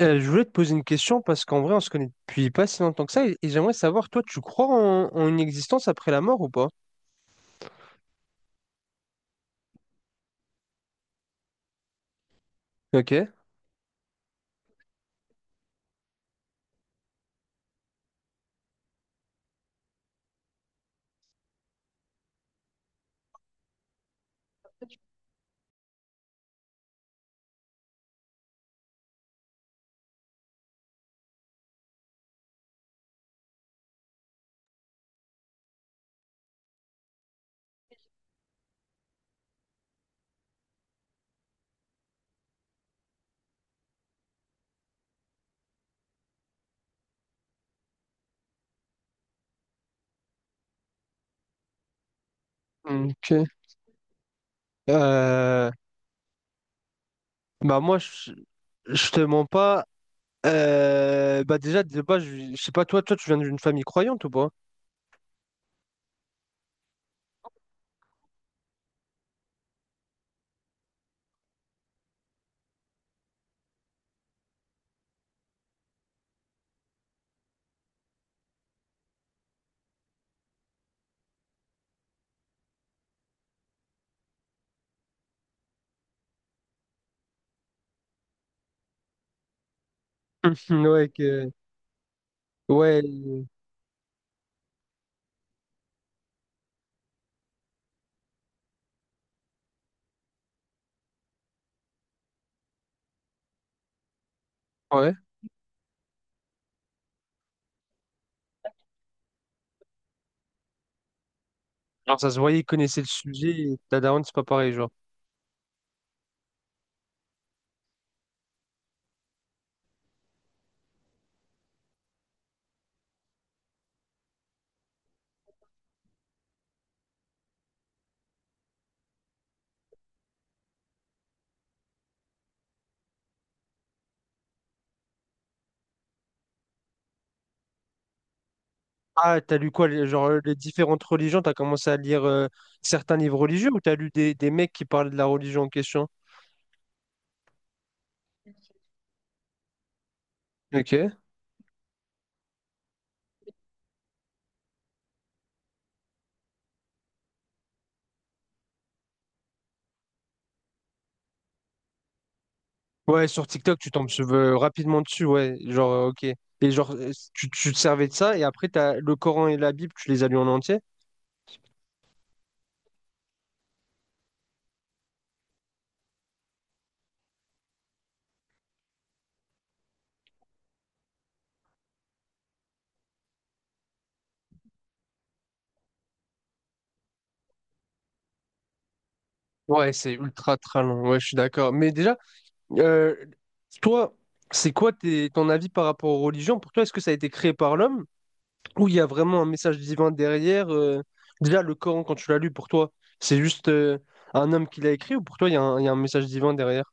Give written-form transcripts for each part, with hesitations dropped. Je voulais te poser une question parce qu'en vrai, on se connaît depuis pas si longtemps que ça et j'aimerais savoir, toi, tu crois en une existence après la mort ou pas? Ok. Ok. Euh, bah moi, je te mens pas. Bah déjà, de base, je sais pas, toi, tu viens d'une famille croyante ou pas? Ouais, que... ouais, ouais. Genre, ça se voyait, il connaissait le sujet, et ta daronne, c'est pas pareil, genre. Ah, t'as lu quoi, les- genre, les différentes religions, t'as commencé à lire certains livres religieux ou t'as lu des mecs qui parlent de la religion en question? Ok. Ouais, sur TikTok, tu tombes sur- rapidement dessus, ouais, genre, ok. Et genre, tu te servais de ça, et après, t'as le Coran et la Bible, tu les as lus en entier? Ouais, c'est ultra très long, ouais, je suis d'accord. Mais déjà, euh, toi, c'est quoi tes- ton avis par rapport aux religions? Pour toi, est-ce que ça a été créé par l'homme où il y a vraiment un message divin derrière. Déjà, le Coran, quand tu l'as lu, pour toi, c'est juste un homme qui l'a écrit ou pour toi, il y a un, il y a un message divin derrière?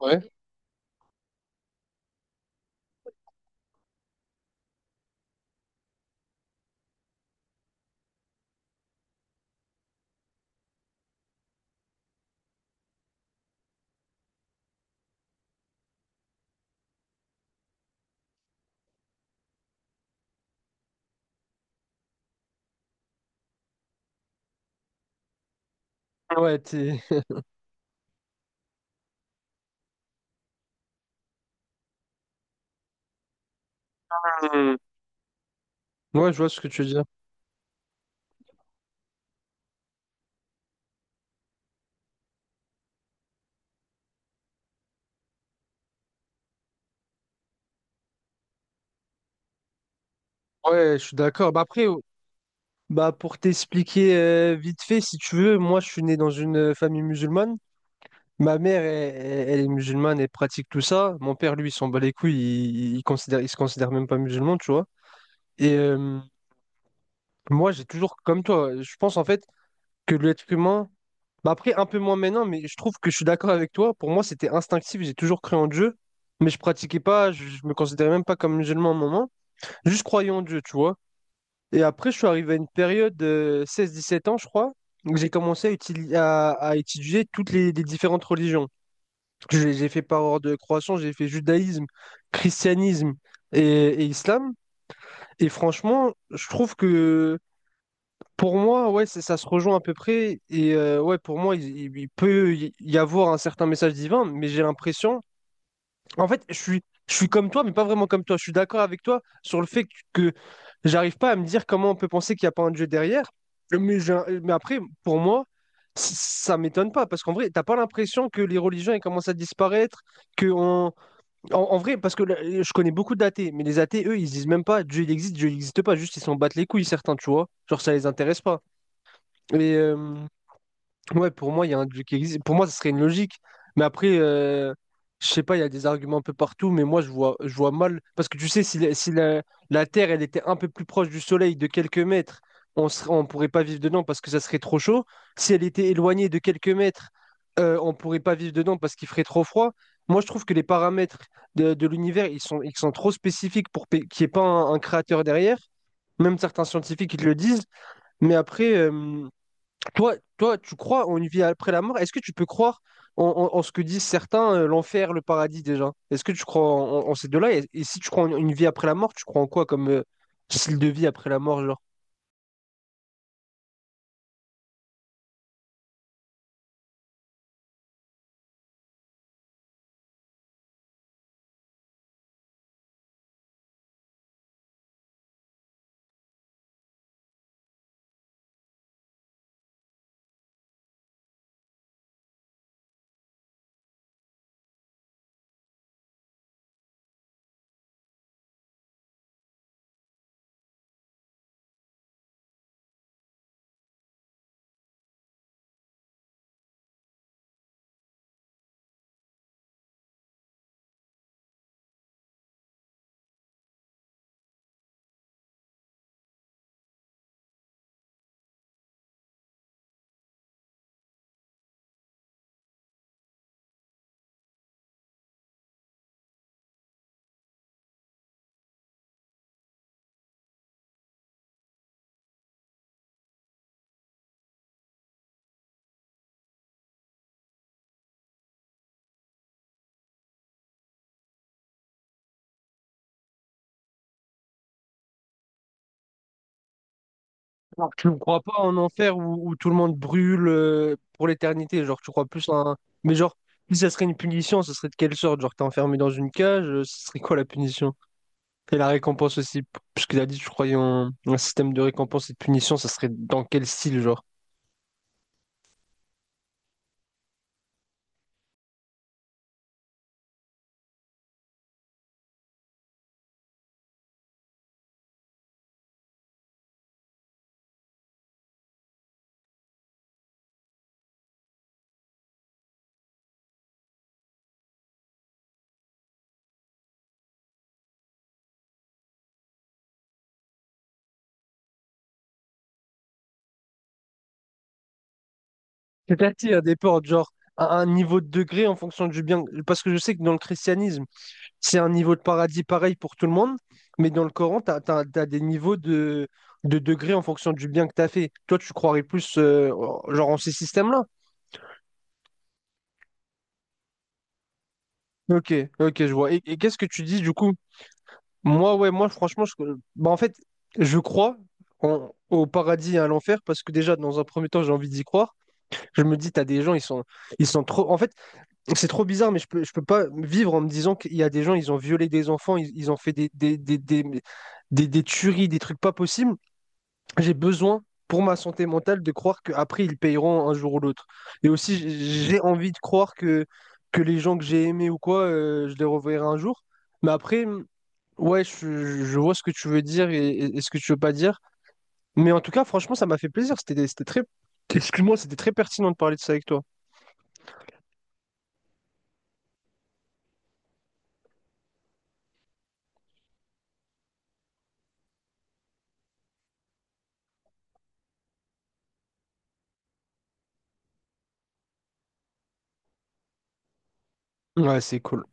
Ouais. Ouais, t'es- Hmm. Ouais, je vois ce que tu veux dire. Ouais, je suis d'accord. Bah après, oh, bah pour t'expliquer vite fait, si tu veux, moi je suis né dans une famille musulmane. Ma mère, elle, elle- elle est musulmane, elle pratique tout ça. Mon père, lui, il s'en bat les couilles, il considère, il se considère même pas musulman, tu vois. Et moi, j'ai toujours, comme toi, je pense en fait, que l'être humain. Bah après, un peu moins maintenant, mais je trouve que je suis d'accord avec toi. Pour moi, c'était instinctif, j'ai toujours cru en Dieu, mais je pratiquais pas, je me considérais même pas comme musulman à un moment. Juste croyais en Dieu, tu vois. Et après, je suis arrivé à une période de 16-17 ans, je crois, où j'ai commencé à, utili- à étudier toutes les différentes religions. J'ai fait par ordre de croissance, j'ai fait judaïsme, christianisme et, et islam. Et franchement, je trouve que pour moi, ouais, c'est- ça se rejoint à peu près. Et ouais, pour moi, il peut y y avoir un certain message divin, mais j'ai l'impression. En fait, je suis comme toi, mais pas vraiment comme toi. Je suis d'accord avec toi sur le fait que j'arrive pas à me dire comment on peut penser qu'il n'y a pas un Dieu derrière. Mais, j'ai un- mais après, pour moi, c- ça m'étonne pas. Parce qu'en vrai, t'as pas l'impression que les religions elles commencent à disparaître, que on... en, en vrai, parce que là, je connais beaucoup d'athées, mais les athées, eux, ils se disent même pas Dieu il existe, Dieu il n'existe pas, juste ils s'en battent les couilles, certains, tu vois. Genre, ça les intéresse pas. Mais ouais, pour moi, il y a un dieu qui existe. Pour moi, ce serait une logique. Mais après, je sais pas, il y a des arguments un peu partout, mais moi, je vois mal. Parce que tu sais, si, la, si la- la Terre, elle était un peu plus proche du Soleil de quelques mètres, on serait, on pourrait pas vivre dedans parce que ça serait trop chaud. Si elle était éloignée de quelques mètres, on pourrait pas vivre dedans parce qu'il ferait trop froid. Moi, je trouve que les paramètres de l'univers, ils sont trop spécifiques pour pe- qu'il n'y ait pas un, un créateur derrière. Même certains scientifiques, ils le disent. Mais après... toi, toi, tu crois en une vie après la mort? Est-ce que tu peux croire en, en- en ce que disent certains, l'enfer, le paradis déjà? Est-ce que tu crois en, en- en ces deux-là? Et si tu crois en une vie après la mort, tu crois en quoi comme style de vie après la mort, genre? Genre, tu ne crois pas en enfer où, où tout le monde brûle pour l'éternité, genre tu crois plus en... un- Mais genre, si ça serait une punition, ce serait de quelle sorte? Genre, t'es enfermé dans une cage, ce serait quoi la punition? Et la récompense aussi, p- puisque tu as dit que tu croyais en en un système de récompense et de punition, ça serait dans quel style, genre? C'est-à-dire des portes, genre à un niveau de degré en fonction du bien. Parce que je sais que dans le christianisme, c'est un niveau de paradis pareil pour tout le monde, mais dans le Coran, tu as, des niveaux de degré en fonction du bien que tu as fait. Toi, tu croirais plus genre en ces systèmes-là? Ok, ok, je vois. Et qu'est-ce que tu dis du coup? Moi, ouais, moi, franchement, je... bah, en fait, je crois en- au paradis et à l'enfer parce que déjà, dans un premier temps, j'ai envie d'y croire. Je me dis, t'as des gens, ils sont trop. En fait, c'est trop bizarre, mais je peux pas vivre en me disant qu'il y a des gens, ils ont violé des enfants, ils ont fait des tueries, des trucs pas possibles. J'ai besoin, pour ma santé mentale, de croire qu'après, ils paieront un jour ou l'autre. Et aussi, j- j'ai envie de croire que les gens que j'ai aimés ou quoi, je les reverrai un jour. Mais après, ouais, je vois ce que tu veux dire et ce que tu veux pas dire. Mais en tout cas, franchement, ça m'a fait plaisir. C'était, c'était très, excuse-moi, c'était très pertinent de parler de ça avec toi. Ouais, c'est cool.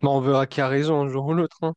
Bon, on verra qui a raison un jour ou l'autre. Hein.